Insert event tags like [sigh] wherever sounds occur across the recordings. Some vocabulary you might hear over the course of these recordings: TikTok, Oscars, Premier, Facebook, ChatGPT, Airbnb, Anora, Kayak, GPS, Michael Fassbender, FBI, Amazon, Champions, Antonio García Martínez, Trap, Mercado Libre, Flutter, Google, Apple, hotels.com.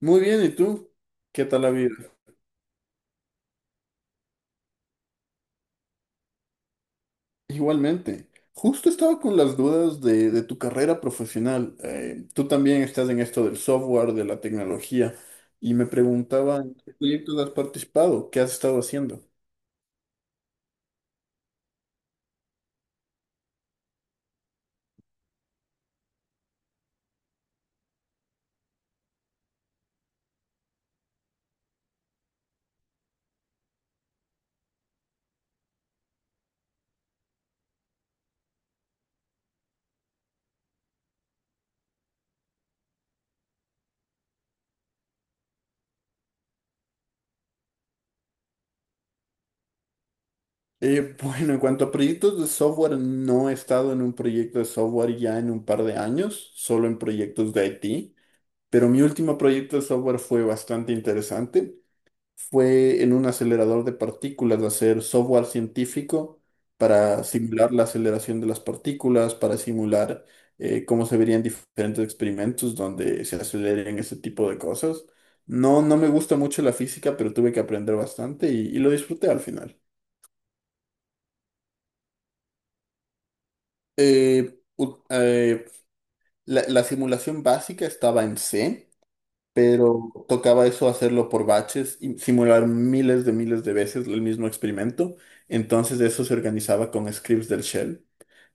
Muy bien, ¿y tú? ¿Qué tal la vida? Igualmente. Justo estaba con las dudas de tu carrera profesional. Tú también estás en esto del software, de la tecnología, y me preguntaba en qué proyectos has participado, qué has estado haciendo. [laughs] Bueno, en cuanto a proyectos de software, no he estado en un proyecto de software ya en un par de años, solo en proyectos de IT, pero mi último proyecto de software fue bastante interesante. Fue en un acelerador de partículas hacer software científico para simular la aceleración de las partículas, para simular cómo se verían diferentes experimentos donde se aceleren ese tipo de cosas. No, no me gusta mucho la física, pero tuve que aprender bastante y lo disfruté al final. Eh, ut- eh, la simulación básica estaba en C. Pero tocaba eso hacerlo por baches y simular miles de veces el mismo experimento. Entonces eso se organizaba con scripts del shell.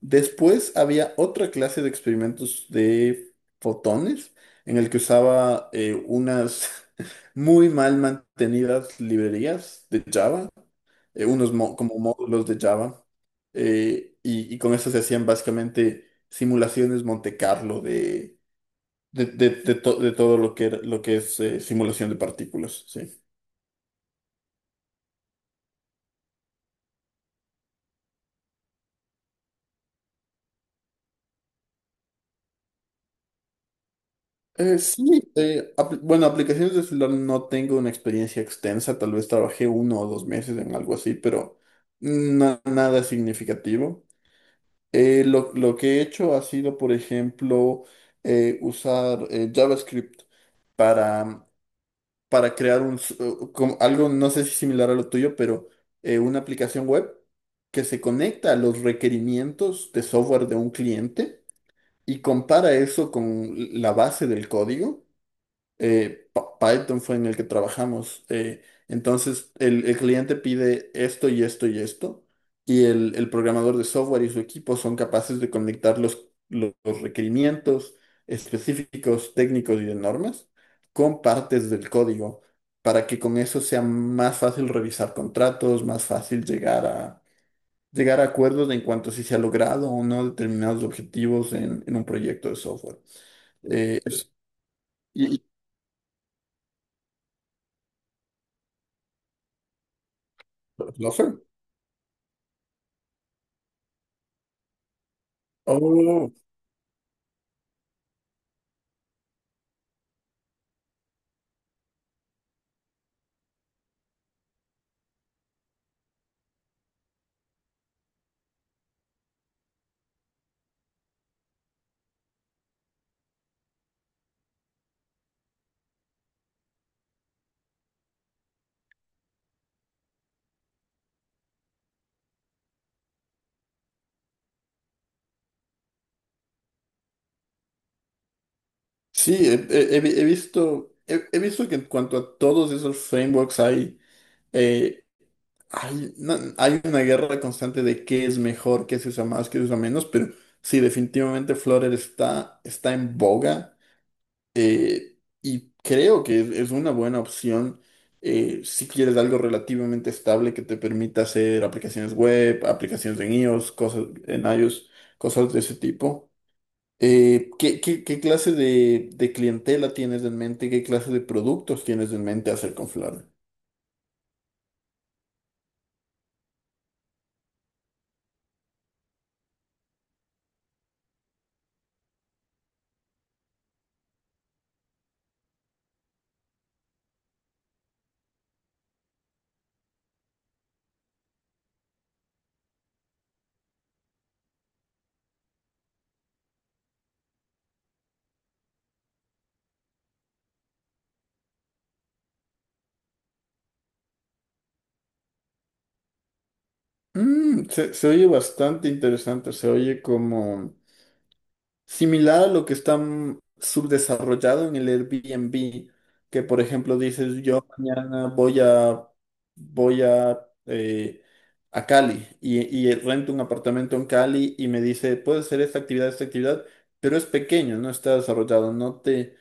Después había otra clase de experimentos de fotones en el que usaba unas [laughs] muy mal mantenidas librerías de Java, unos como módulos de Java, y con eso se hacían básicamente simulaciones Monte Carlo de todo lo que, lo que es simulación de partículas, sí. Sí, bueno, aplicaciones de celular no tengo una experiencia extensa, tal vez trabajé uno o dos meses en algo así, pero nada significativo. Lo que he hecho ha sido, por ejemplo, usar JavaScript para crear un, como algo, no sé si similar a lo tuyo, pero una aplicación web que se conecta a los requerimientos de software de un cliente y compara eso con la base del código. Python fue en el que trabajamos. Entonces, el cliente pide esto y esto y esto, y el programador de software y su equipo son capaces de conectar los requerimientos específicos, técnicos y de normas con partes del código, para que con eso sea más fácil revisar contratos, más fácil llegar llegar a acuerdos en cuanto a si se ha logrado o no determinados objetivos en un proyecto de software. Eh, es- y, y- ¿Lo hace? Oh, sí, he, he- he vi- he visto, he, he visto que en cuanto a todos esos frameworks hay, eh, hay, no- hay una guerra constante de qué es mejor, qué se usa más, qué se usa menos, pero sí, definitivamente Flutter está en boga. eh, y creo que es una buena opción, si quieres algo relativamente estable que te permita hacer aplicaciones web, aplicaciones en iOS, cosas de ese tipo. ¿Qué clase de clientela tienes en mente? ¿Qué clase de productos tienes en mente hacer con Flavia? Se oye bastante interesante, se oye como similar a lo que está subdesarrollado en el Airbnb, que por ejemplo dices, yo mañana voy eh, a Cali y rento un apartamento en Cali y me dice, puedes hacer esta actividad, pero es pequeño, no está desarrollado, no te.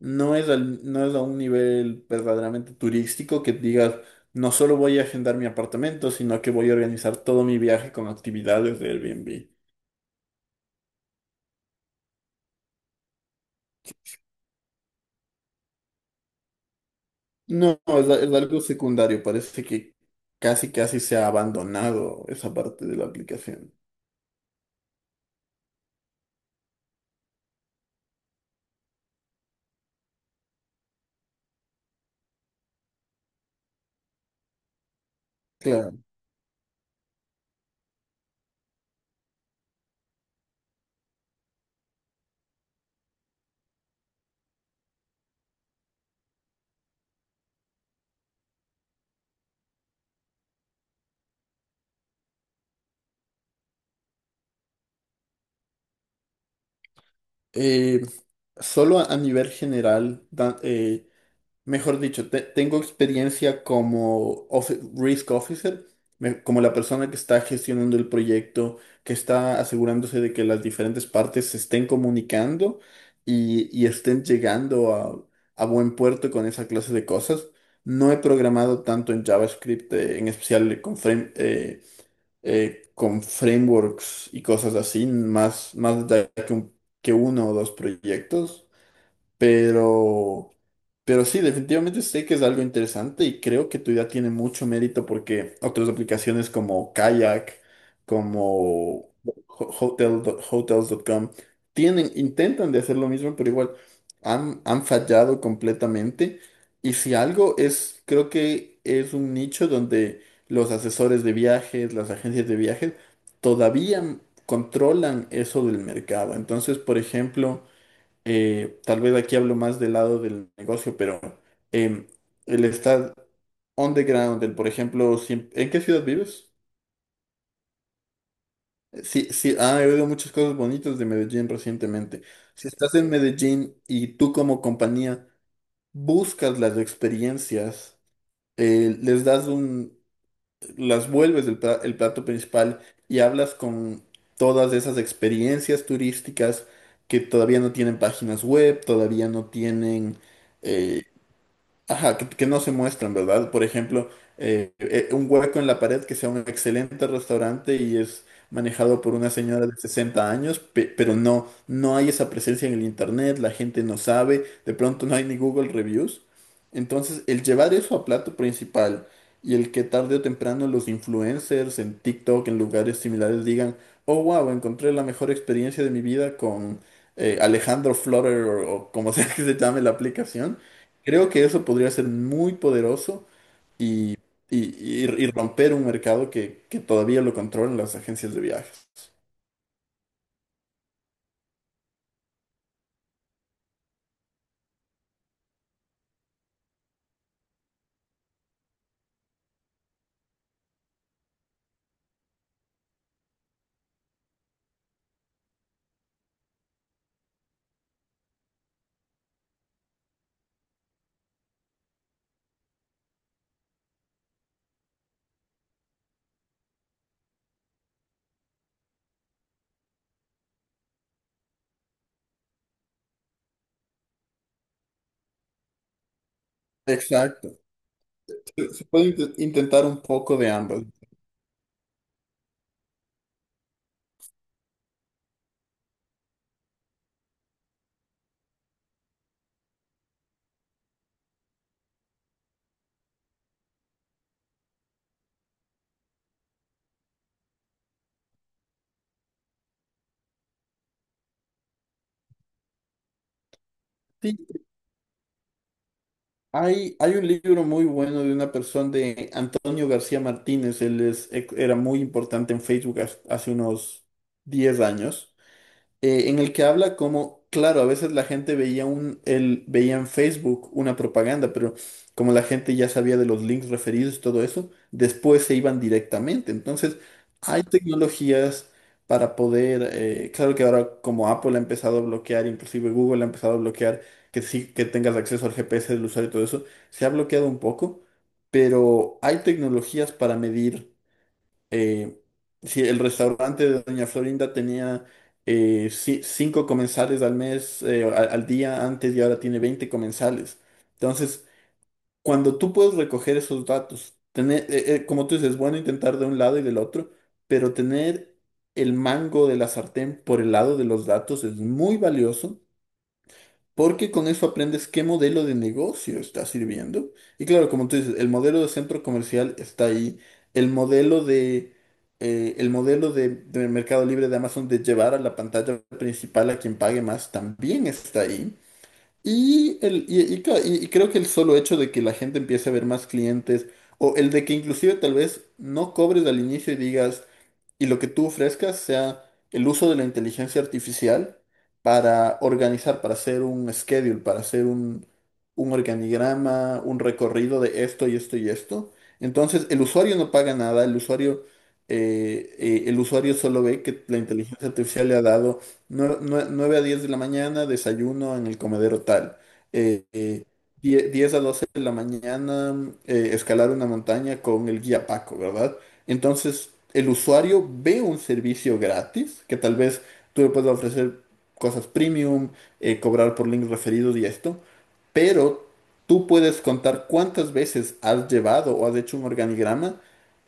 No es, no es a un nivel verdaderamente turístico que digas, no solo voy a agendar mi apartamento, sino que voy a organizar todo mi viaje con actividades de Airbnb. No, es algo secundario, parece que casi casi se ha abandonado esa parte de la aplicación. Claro. Eh, Solo a nivel general, mejor dicho, tengo experiencia como risk officer, como la persona que está gestionando el proyecto, que está asegurándose de que las diferentes partes se estén comunicando y estén llegando a buen puerto con esa clase de cosas. No he programado tanto en JavaScript, en especial con frameworks y cosas así, más, más que uno o dos proyectos. Pero, pero sí, definitivamente sé que es algo interesante y creo que tu idea tiene mucho mérito porque otras aplicaciones como Kayak, como hotel, hotels.com, tienen, intentan de hacer lo mismo, pero igual han fallado completamente. Y si algo es, creo que es un nicho donde los asesores de viajes, las agencias de viajes, todavía controlan eso del mercado. Entonces, por ejemplo, tal vez aquí hablo más del lado del negocio, pero em, el estar on the ground, por ejemplo, ¿en qué ciudad vives? Sí, sí, ah, he oído muchas cosas bonitas de Medellín recientemente. Si estás en Medellín y tú como compañía buscas las experiencias, eh, les das un, las vuelves el plato principal y hablas con todas esas experiencias turísticas que todavía no tienen páginas web, todavía no tienen. eh, Ajá, que no se muestran, ¿verdad? Por ejemplo, un hueco en la pared que sea un excelente restaurante y es manejado por una señora de 60 años, pero no, no hay esa presencia en el internet, la gente no sabe, de pronto no hay ni Google Reviews. Entonces, el llevar eso a plato principal y el que tarde o temprano los influencers en TikTok, en lugares similares, digan, oh, wow, encontré la mejor experiencia de mi vida con Alejandro Florer o como [laughs] sea que se llame la aplicación. Creo que eso podría ser muy poderoso y, y romper un mercado que todavía lo controlan las agencias de viajes. Exacto. Se puede intentar un poco de ambas. Sí, hay un libro muy bueno de una persona de Antonio García Martínez. Él era muy importante en Facebook hace unos 10 años. En el que habla como, claro, a veces la gente veía en Facebook una propaganda, pero como la gente ya sabía de los links referidos y todo eso, después se iban directamente. Entonces, hay tecnologías para poder, claro que ahora como Apple ha empezado a bloquear, inclusive Google ha empezado a bloquear que sí que tengas acceso al GPS del usuario y todo eso, se ha bloqueado un poco, pero hay tecnologías para medir. eh, sí, el restaurante de Doña Florinda tenía cinco comensales al mes, al día antes y ahora tiene 20 comensales. Entonces, cuando tú puedes recoger esos datos, tener, como tú dices, es bueno intentar de un lado y del otro, pero tener el mango de la sartén por el lado de los datos es muy valioso porque con eso aprendes qué modelo de negocio está sirviendo. Y claro, como tú dices, el modelo de centro comercial está ahí. El modelo de, el modelo de Mercado Libre de Amazon de llevar a la pantalla principal a quien pague más también está ahí. Y, el, y ca- y creo que el solo hecho de que la gente empiece a ver más clientes o el de que inclusive tal vez no cobres al inicio y digas y lo que tú ofrezcas sea el uso de la inteligencia artificial para organizar, para hacer un schedule, para hacer un, organigrama, un recorrido de esto y esto y esto. Entonces, el usuario no paga nada, el usuario solo ve que la inteligencia artificial le ha dado 9 a 10 de la mañana, desayuno en el comedero tal. Eh, eh, 10 a 12 de la mañana, escalar una montaña con el guía Paco, ¿verdad? Entonces, el usuario ve un servicio gratis, que tal vez tú le puedas ofrecer cosas premium, cobrar por links referidos y esto, pero tú puedes contar cuántas veces has llevado o has hecho un organigrama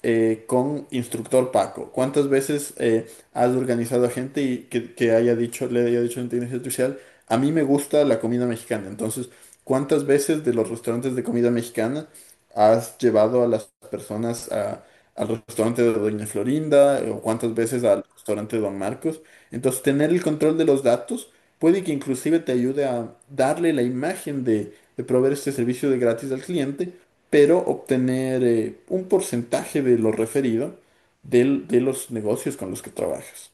con instructor Paco, cuántas veces has organizado a gente y que haya dicho, le haya dicho a la inteligencia artificial, a mí me gusta la comida mexicana, entonces, ¿cuántas veces de los restaurantes de comida mexicana has llevado a las personas a al restaurante de Doña Florinda o cuántas veces al restaurante de Don Marcos? Entonces, tener el control de los datos puede que inclusive te ayude a darle la imagen de proveer este servicio de gratis al cliente, pero obtener un porcentaje de lo referido de los negocios con los que trabajas.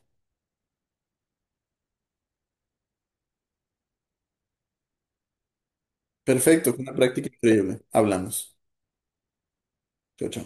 Perfecto, fue una práctica increíble. Hablamos. Chao, chao.